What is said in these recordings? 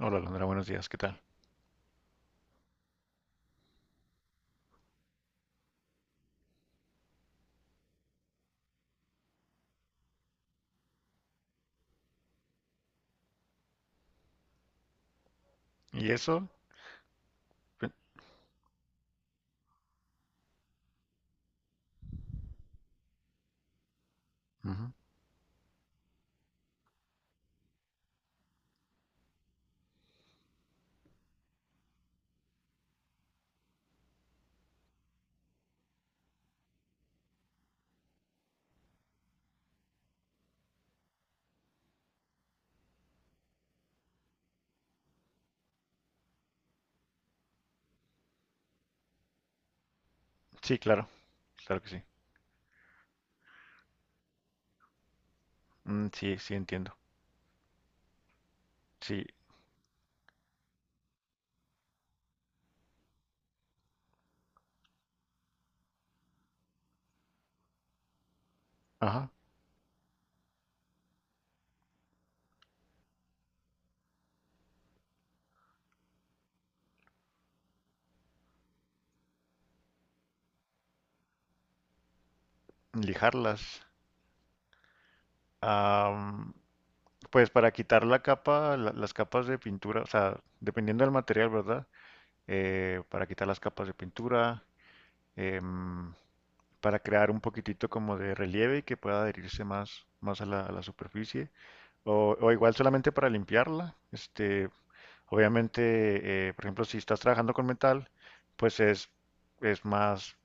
Hola, Londra, buenos días, ¿qué tal? ¿Y eso? Pe- ujú. Sí, claro, claro que sí. Mm, sí, sí, entiendo. Sí, ajá, lijarlas. Am, pues para quitar la capa, las capas de pintura, o sea, dependiendo del material, ¿verdad? Para quitar las capas de pintura, em, para crear un poquitito como de relieve y que pueda adherirse más a a la superficie. O igual solamente para limpiarla, este, obviamente, por ejemplo, si estás trabajando con metal, pues es más,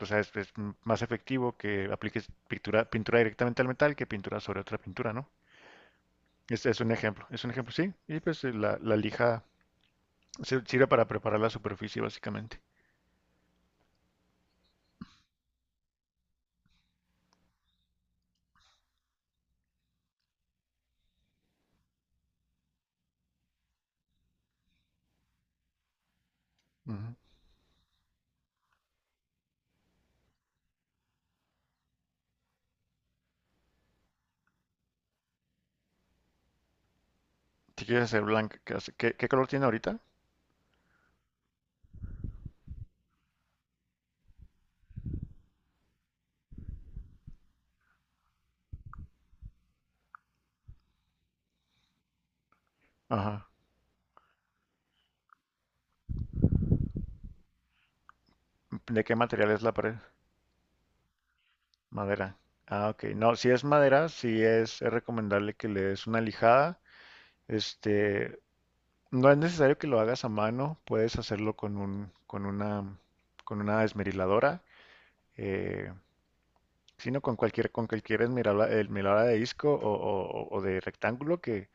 o sea, es más efectivo que apliques pintura directamente al metal que pintura sobre otra pintura, ¿no? Este es un ejemplo, sí. Y pues la lija sirve para preparar la superficie, básicamente. Ujú. Si quieres hacer blanca, ¿qué, qué- qué color tiene ahorita? Ajá. ¿De qué material es la pared? Madera. Ah, ok. No, si es madera, sí es recomendable que le des una lijada. Este, no es necesario que lo hagas a mano, puedes hacerlo con un, con una esmeriladora, eh, sino con cualquier esmeriladora, de disco o, o de rectángulo que,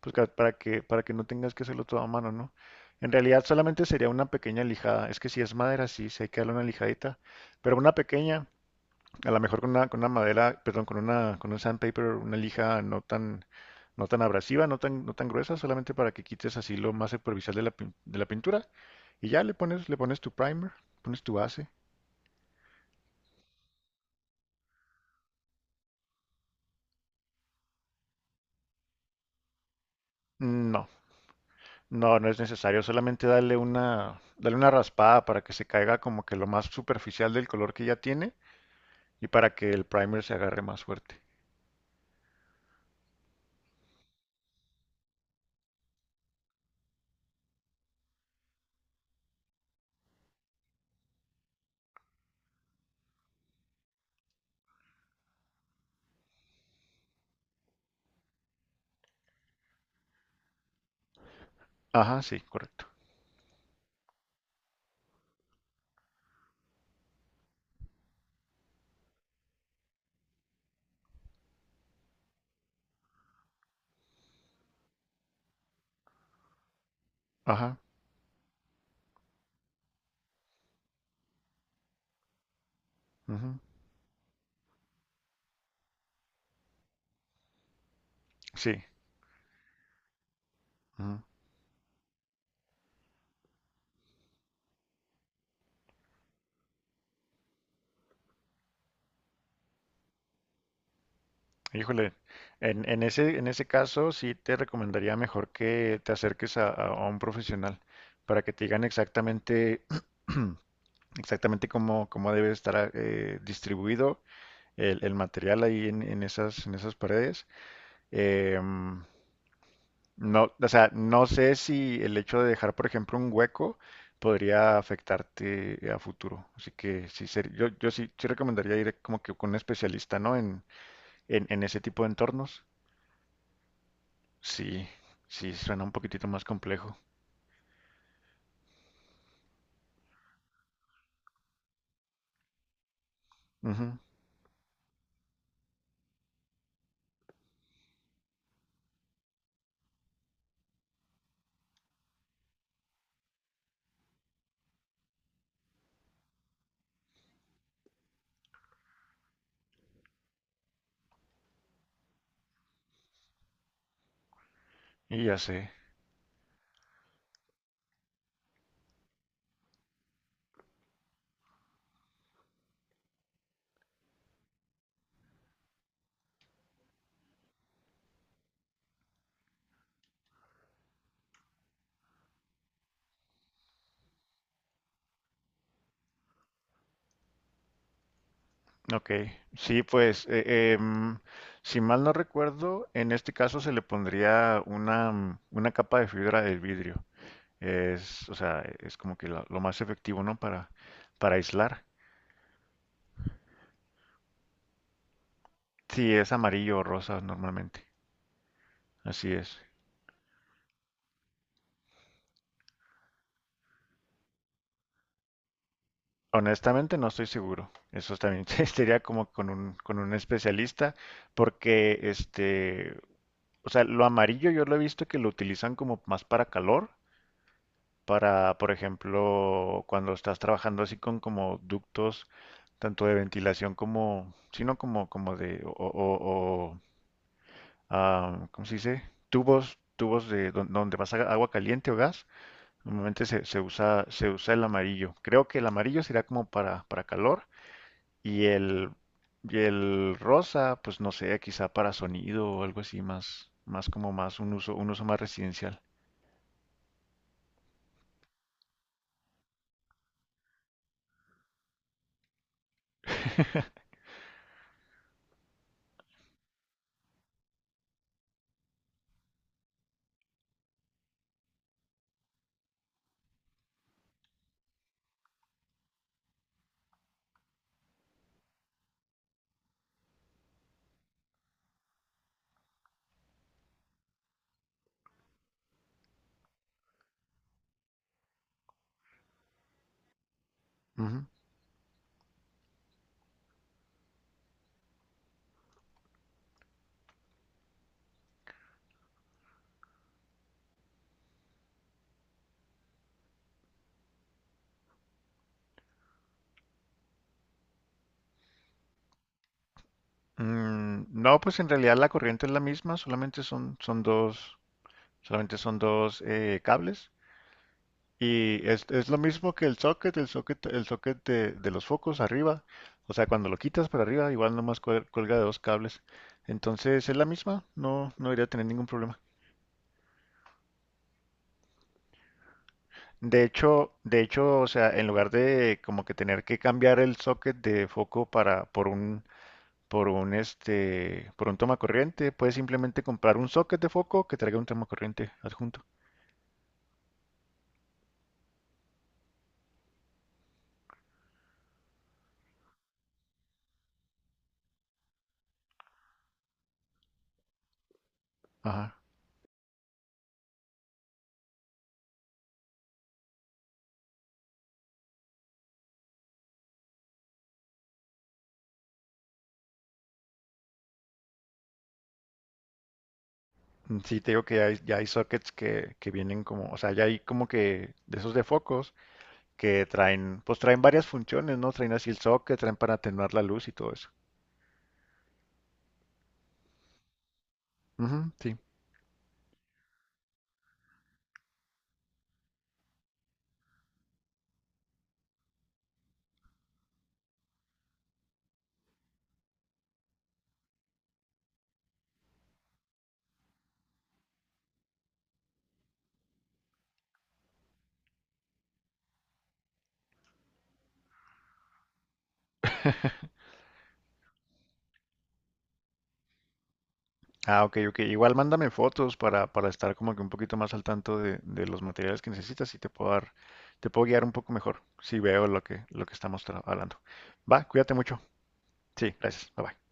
pues, para que no tengas que hacerlo todo a mano, ¿no? En realidad solamente sería una pequeña lijada. Es que si es madera, sí, sí hay que darle una lijadita, pero una pequeña a lo mejor con una madera, perdón, con una, con un sandpaper, una lija no tan, no tan abrasiva, no tan, no tan gruesa, solamente para que quites así lo más superficial de de la pintura. Y ya le pones tu primer, pones tu base. No, no, no es necesario, solamente darle una raspada para que se caiga como que lo más superficial del color que ya tiene y para que el primer se agarre más fuerte. Ajá, sí, correcto. Ajá, ujú, sí. Ujú. Híjole, en ese caso sí te recomendaría mejor que te acerques a, a un profesional para que te digan exactamente, exactamente cómo, cómo debe estar distribuido el material ahí en esas paredes. Em, no, o sea, no sé si el hecho de dejar, por ejemplo, un hueco podría afectarte a futuro. Así que sí, yo, yo sí, sí recomendaría ir como que con un especialista, ¿no? En ese tipo de entornos. Sí, sí, suena un poquitito más complejo. Ujú, y ya sé. Ok. Sí, pues, em, si mal no recuerdo, en este caso se le pondría una, mm, una capa de fibra del vidrio. Es, o sea, es como que lo más efectivo, ¿no? Para aislar. Sí, es amarillo o rosa normalmente. Así es. Honestamente no estoy seguro. Eso también sería como con un especialista, porque este, o sea, lo amarillo yo lo he visto que lo utilizan como más para calor, para, por ejemplo, cuando estás trabajando así con como ductos, tanto de ventilación como, sino como, como de, o, o, ¿cómo se dice? Tubos, tubos de donde vas a agua caliente o gas. Normalmente se, se usa el amarillo. Creo que el amarillo será como para calor y el, y el rosa, pues no sé, quizá para sonido o algo así más, más como más un uso más residencial. Ujú. Mm, no, pues en realidad la corriente es la misma, solamente son, son dos, solamente son dos cables. Y es lo mismo que el socket, el socket, el socket de los focos arriba. O sea, cuando lo quitas para arriba, igual nomás cuelga de dos cables. Entonces es la misma, no, no debería tener ningún problema. De hecho, o sea, en lugar de como que tener que cambiar el socket de foco para, por un este, por un toma corriente. Puedes simplemente comprar un socket de foco que traiga un toma corriente adjunto. Ajá. Mm, sí, te digo que ya hay sockets que vienen como, o sea, ya hay como que de esos de focos que traen, pues traen varias funciones, ¿no? Traen así el socket, traen para atenuar la luz y todo eso. Ujú, sí. Ah, ok, ok. Igual mándame fotos para estar como que un poquito más al tanto de los materiales que necesitas y te puedo dar, te puedo guiar un poco mejor si veo lo que estamos hablando. Va, cuídate mucho. Sí, gracias. Bye bye.